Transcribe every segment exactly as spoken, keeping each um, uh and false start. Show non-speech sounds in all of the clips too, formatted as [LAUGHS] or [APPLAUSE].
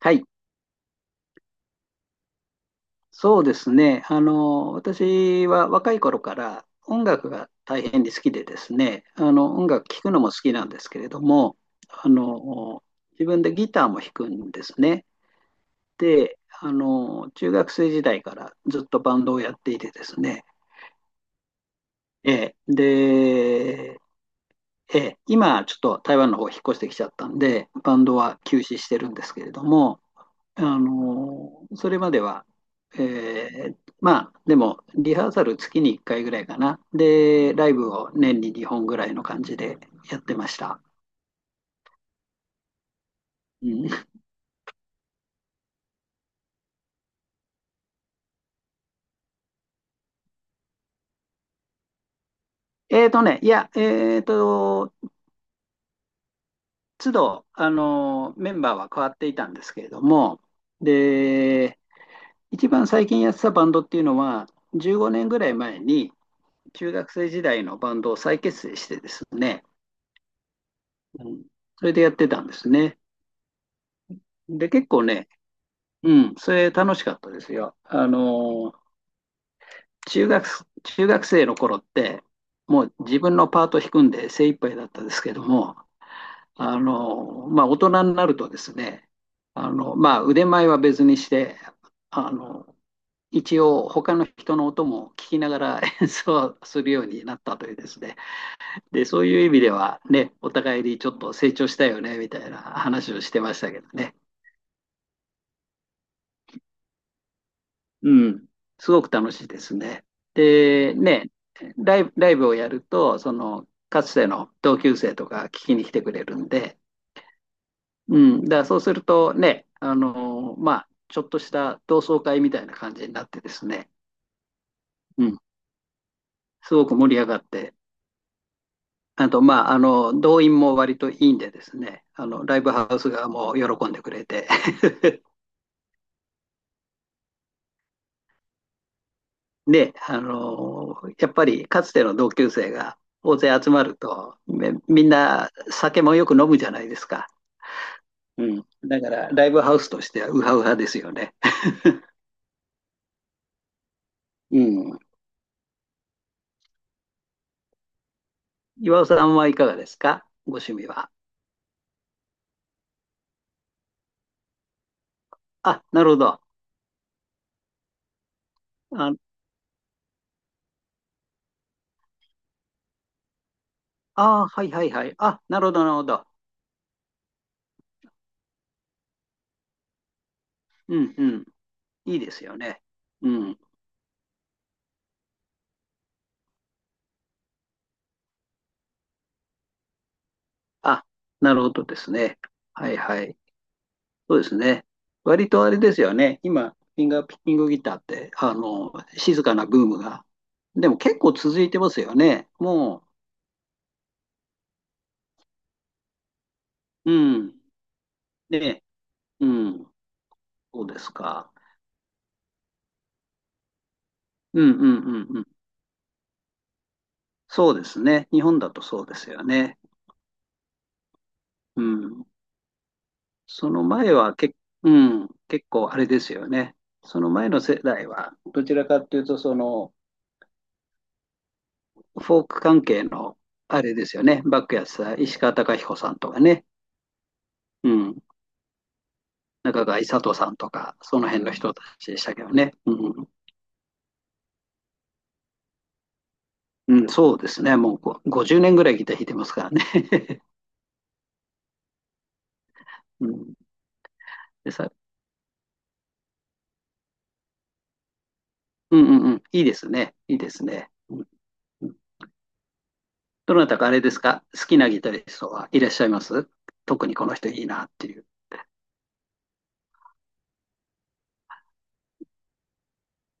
はい、そうですね。あの、私は若い頃から音楽が大変に好きでですね、あの、音楽聴くのも好きなんですけれども、あの、自分でギターも弾くんですね。で、あの、中学生時代からずっとバンドをやっていてですね、えーで、えー今ちょっと台湾の方引っ越してきちゃったんで、バンドは休止してるんですけれども、あの、それまでは、えーまあ、でも、リハーサル月にいっかいぐらいかな。で、ライブを年ににほんぐらいの感じでやってました。うん。えーとね、いや、えーと、都度、あの、メンバーは変わっていたんですけれども、で、一番最近やってたバンドっていうのは、じゅうごねんぐらい前に、中学生時代のバンドを再結成してですね、うん、それでやってたんですね。で、結構ね、うん、それ楽しかったですよ。あの、中学、中学生の頃って、もう自分のパート弾くんで精一杯だったですけども、あの、まあ、大人になるとですね、あの、まあ、腕前は別にして、あの、一応他の人の音も聞きながら [LAUGHS] 演奏するようになったというですね。で、そういう意味ではね、お互いにちょっと成長したよね、みたいな話をしてましたけどね。うん、すごく楽しいですね。で、ね、ライブ、ライブをやると、その、かつての同級生とか聞きに来てくれるんで、うん、だからそうするとね、あのーまあ、ちょっとした同窓会みたいな感じになってですね、うん、すごく盛り上がって、あと、まあ、あの、動員も割といいんでですね、あの、ライブハウス側も喜んでくれて、で、あのーやっぱりかつての同級生が大勢集まると、めみんな酒もよく飲むじゃないですか。うん。だから、ライブハウスとしてはウハウハですよね。うん。岩尾さんはいかがですか、ご趣味は？あ、なるほど。あ、あー、はいはいはい。あ、なるほど、なるほど。うんうん。いいですよね。うん。あ、なるほどですね。はいはい。そうですね。割とあれですよね。今、フィンガーピッキングギターって、あの、静かなブームが。でも結構続いてますよね。もう、うん。ね、うん。そうですか。うんうんうんうん。そうですね。日本だとそうですよね。うん。その前はけ、うん、結構あれですよね。その前の世代は、どちらかというと、その、フォーク関係の、あれですよね。バックやさ、ん石川貴彦さんとかね。うん。中川勇人さんとか、その辺の人たちでしたけどね。うんうん、そうですね。もうこうごじゅうねんぐらいギター弾いてますからね。[LAUGHS] うん、でさ、うんうんうん。いいですね。いいですね。うんうん。どなたかあれですか、好きなギタリストはいらっしゃいます特にこの人いいなっていう。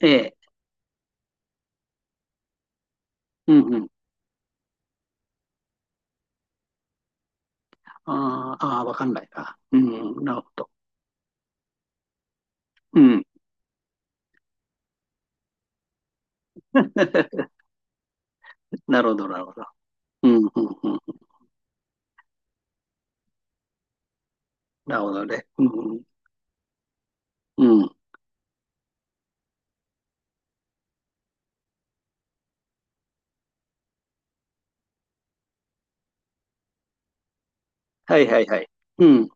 ええ。うんうん。あーあー、わかんないな。うんうん、なるほど。うん。[LAUGHS] なるほど、なるほど。うんうんうん。なるほどね。うんうん。うん。はいはいはい。うん。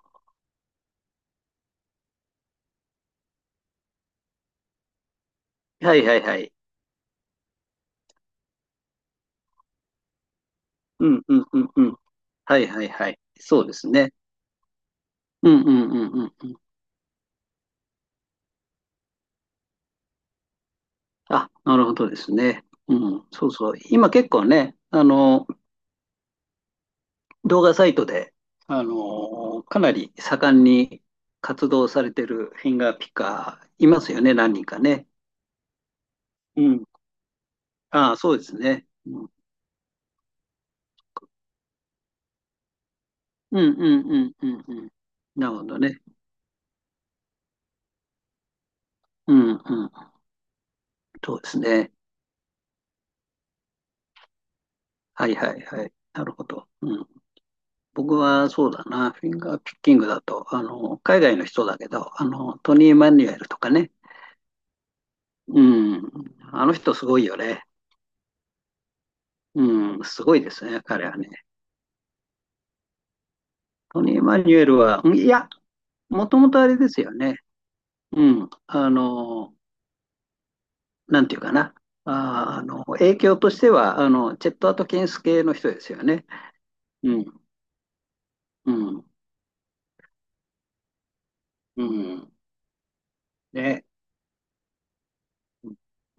はいはいはい。うんうんうんうん。はいはいはい。そうですね。うんうんうんうんうん。あ、なるほどですね。うん、そうそう。今結構ね、あの、動画サイトで、あの、かなり盛んに活動されてるフィンガーピッカーいますよね、何人かね。うん。ああ、そうですね。うんうんうんうんうんうん。なるほどね。うんうん。そうですね。はいはいはい。なるほど。うん、僕はそうだな、フィンガーピッキングだと、あの、海外の人だけど、あの、トニー・マニュエルとかね、うん、あの人すごいよね。うん、すごいですね、彼はね。トニー・マニュエルは、うん、いや、もともとあれですよね。うん、あの、なんていうかな。あー、あの、影響としては、あの、チェット・アトキンス系の人ですよね。うん、うん、うん。ね。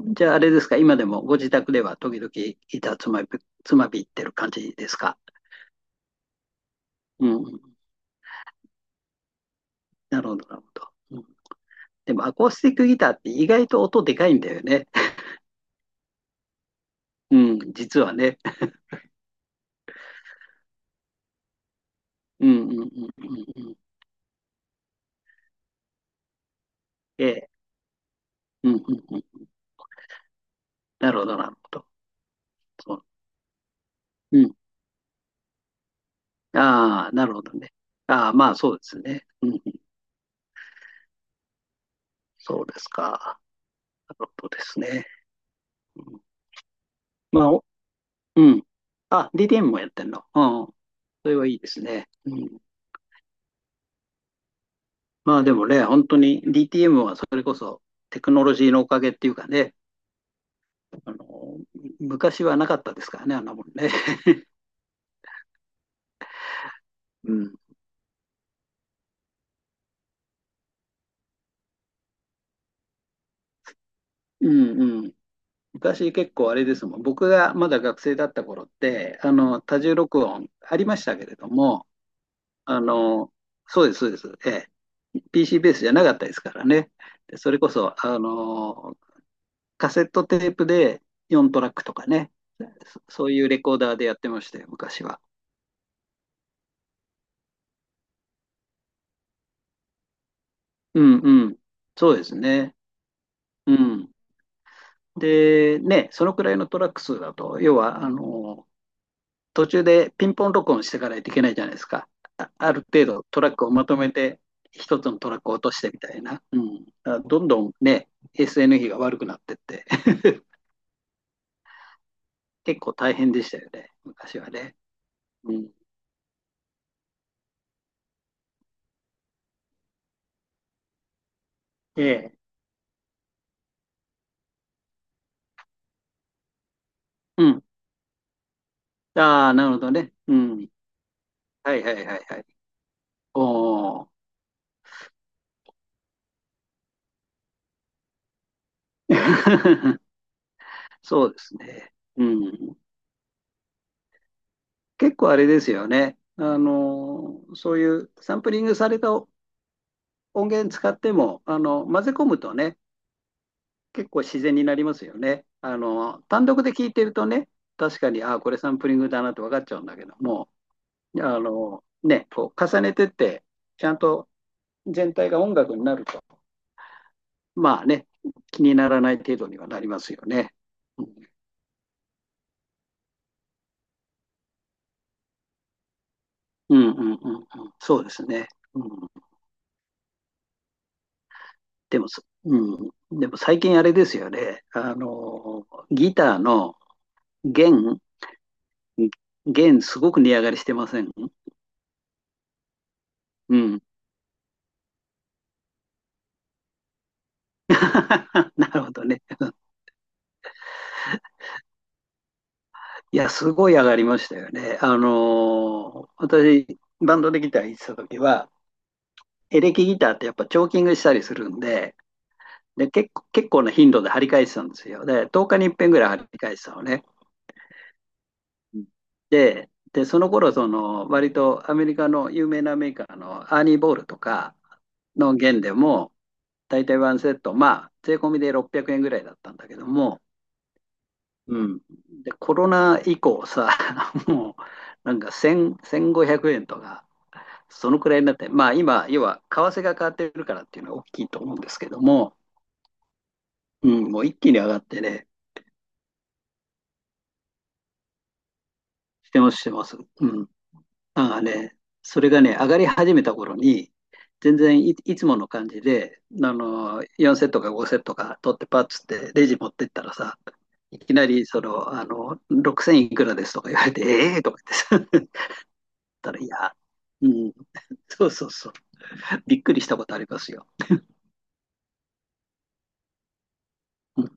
じゃあ、あれですか、今でもご自宅では時々板つまび、つまびってる感じですか？うん。なるほど、なるほど。うん、でも、アコースティックギターって意外と音でかいんだよね。[LAUGHS] うん、実はね。うんうんうんうんうん。ええ。うんうんうん。なるほど、なるほど。そう。うん。ああ、なるほどね。ああ、まあそうですね。うん、そうですか。なるほどですね。うん、まあ、おうん。あ、ディーティーエム もやってんの。うん。それはいいですね。うん。まあでもね、本当に ディーティーエム はそれこそテクノロジーのおかげっていうかね、あの、昔はなかったですからね、あんなもんね。[LAUGHS] うん。[LAUGHS] うんうん。昔結構あれですもん。僕がまだ学生だった頃って、あの、多重録音ありましたけれども、あの、そうです、そうです。ええ。ピーシー ベースじゃなかったですからね。でそれこそ、あの、カセットテープでよんトラックとかね。そそういうレコーダーでやってましたよ、昔は。うんうん。そうですね。うん。で、ね、そのくらいのトラック数だと、要は、あの、途中でピンポン録音してからいといけないじゃないですか。あ、ある程度トラックをまとめて、一つのトラックを落としてみたいな。うん。だからどんどんね、エスエヌ 比が悪くなってって、[LAUGHS] 結構大変でしたよね、昔はね。うん。ええ。うん。ああ、なるほどね。うん。はいはいはいはい。おお。[LAUGHS] そうですね。うん。結構あれですよね。あのそういうサンプリングされた音源使っても、あの、混ぜ込むとね、結構自然になりますよね。あの、単独で聞いてるとね、確かに、ああ、これサンプリングだなって分かっちゃうんだけども、あの、ね、こう重ねてって、ちゃんと全体が音楽になると、まあね、気にならない程度にはなりますよね。うんうんうんうんうん、そうですね。うん、でもそ、うん、でも最近あれですよね。あの、ギターの弦、弦すごく値上がりしてません？うん。[LAUGHS] なるほどね。いや、すごい上がりましたよね。あのー私、バンドでギター弾いてた時は、エレキギターってやっぱチョーキングしたりするんで、で、結構、結構な頻度で張り替えてたんですよ。で、とおかにいっ遍ぐらい張り替えてたのね。うん。で、で、その頃、その、割とアメリカの有名なメーカーのアーニー・ボールとかの弦でも、大体ワンセット、まあ、税込みでろっぴゃくえんぐらいだったんだけども、うん。で、コロナ以降さ、[LAUGHS] もう、なんかせん、せんごひゃくえんとか、そのくらいになって、まあ今、要は為替が変わってるからっていうのは大きいと思うんですけども、うん、もう一気に上がってね、してます、してます。うん。なんかね、それがね、上がり始めた頃に、全然い、いつもの感じで、あの、よんセットかごセットか取ってパッつってレジ持ってったらさ、いきなり、その、あの、ろくせんいくらですとか言われて、ええーとか言ってさ、[LAUGHS] 言ったら、いや、うん、そうそうそう、びっくりしたことありますよ。うん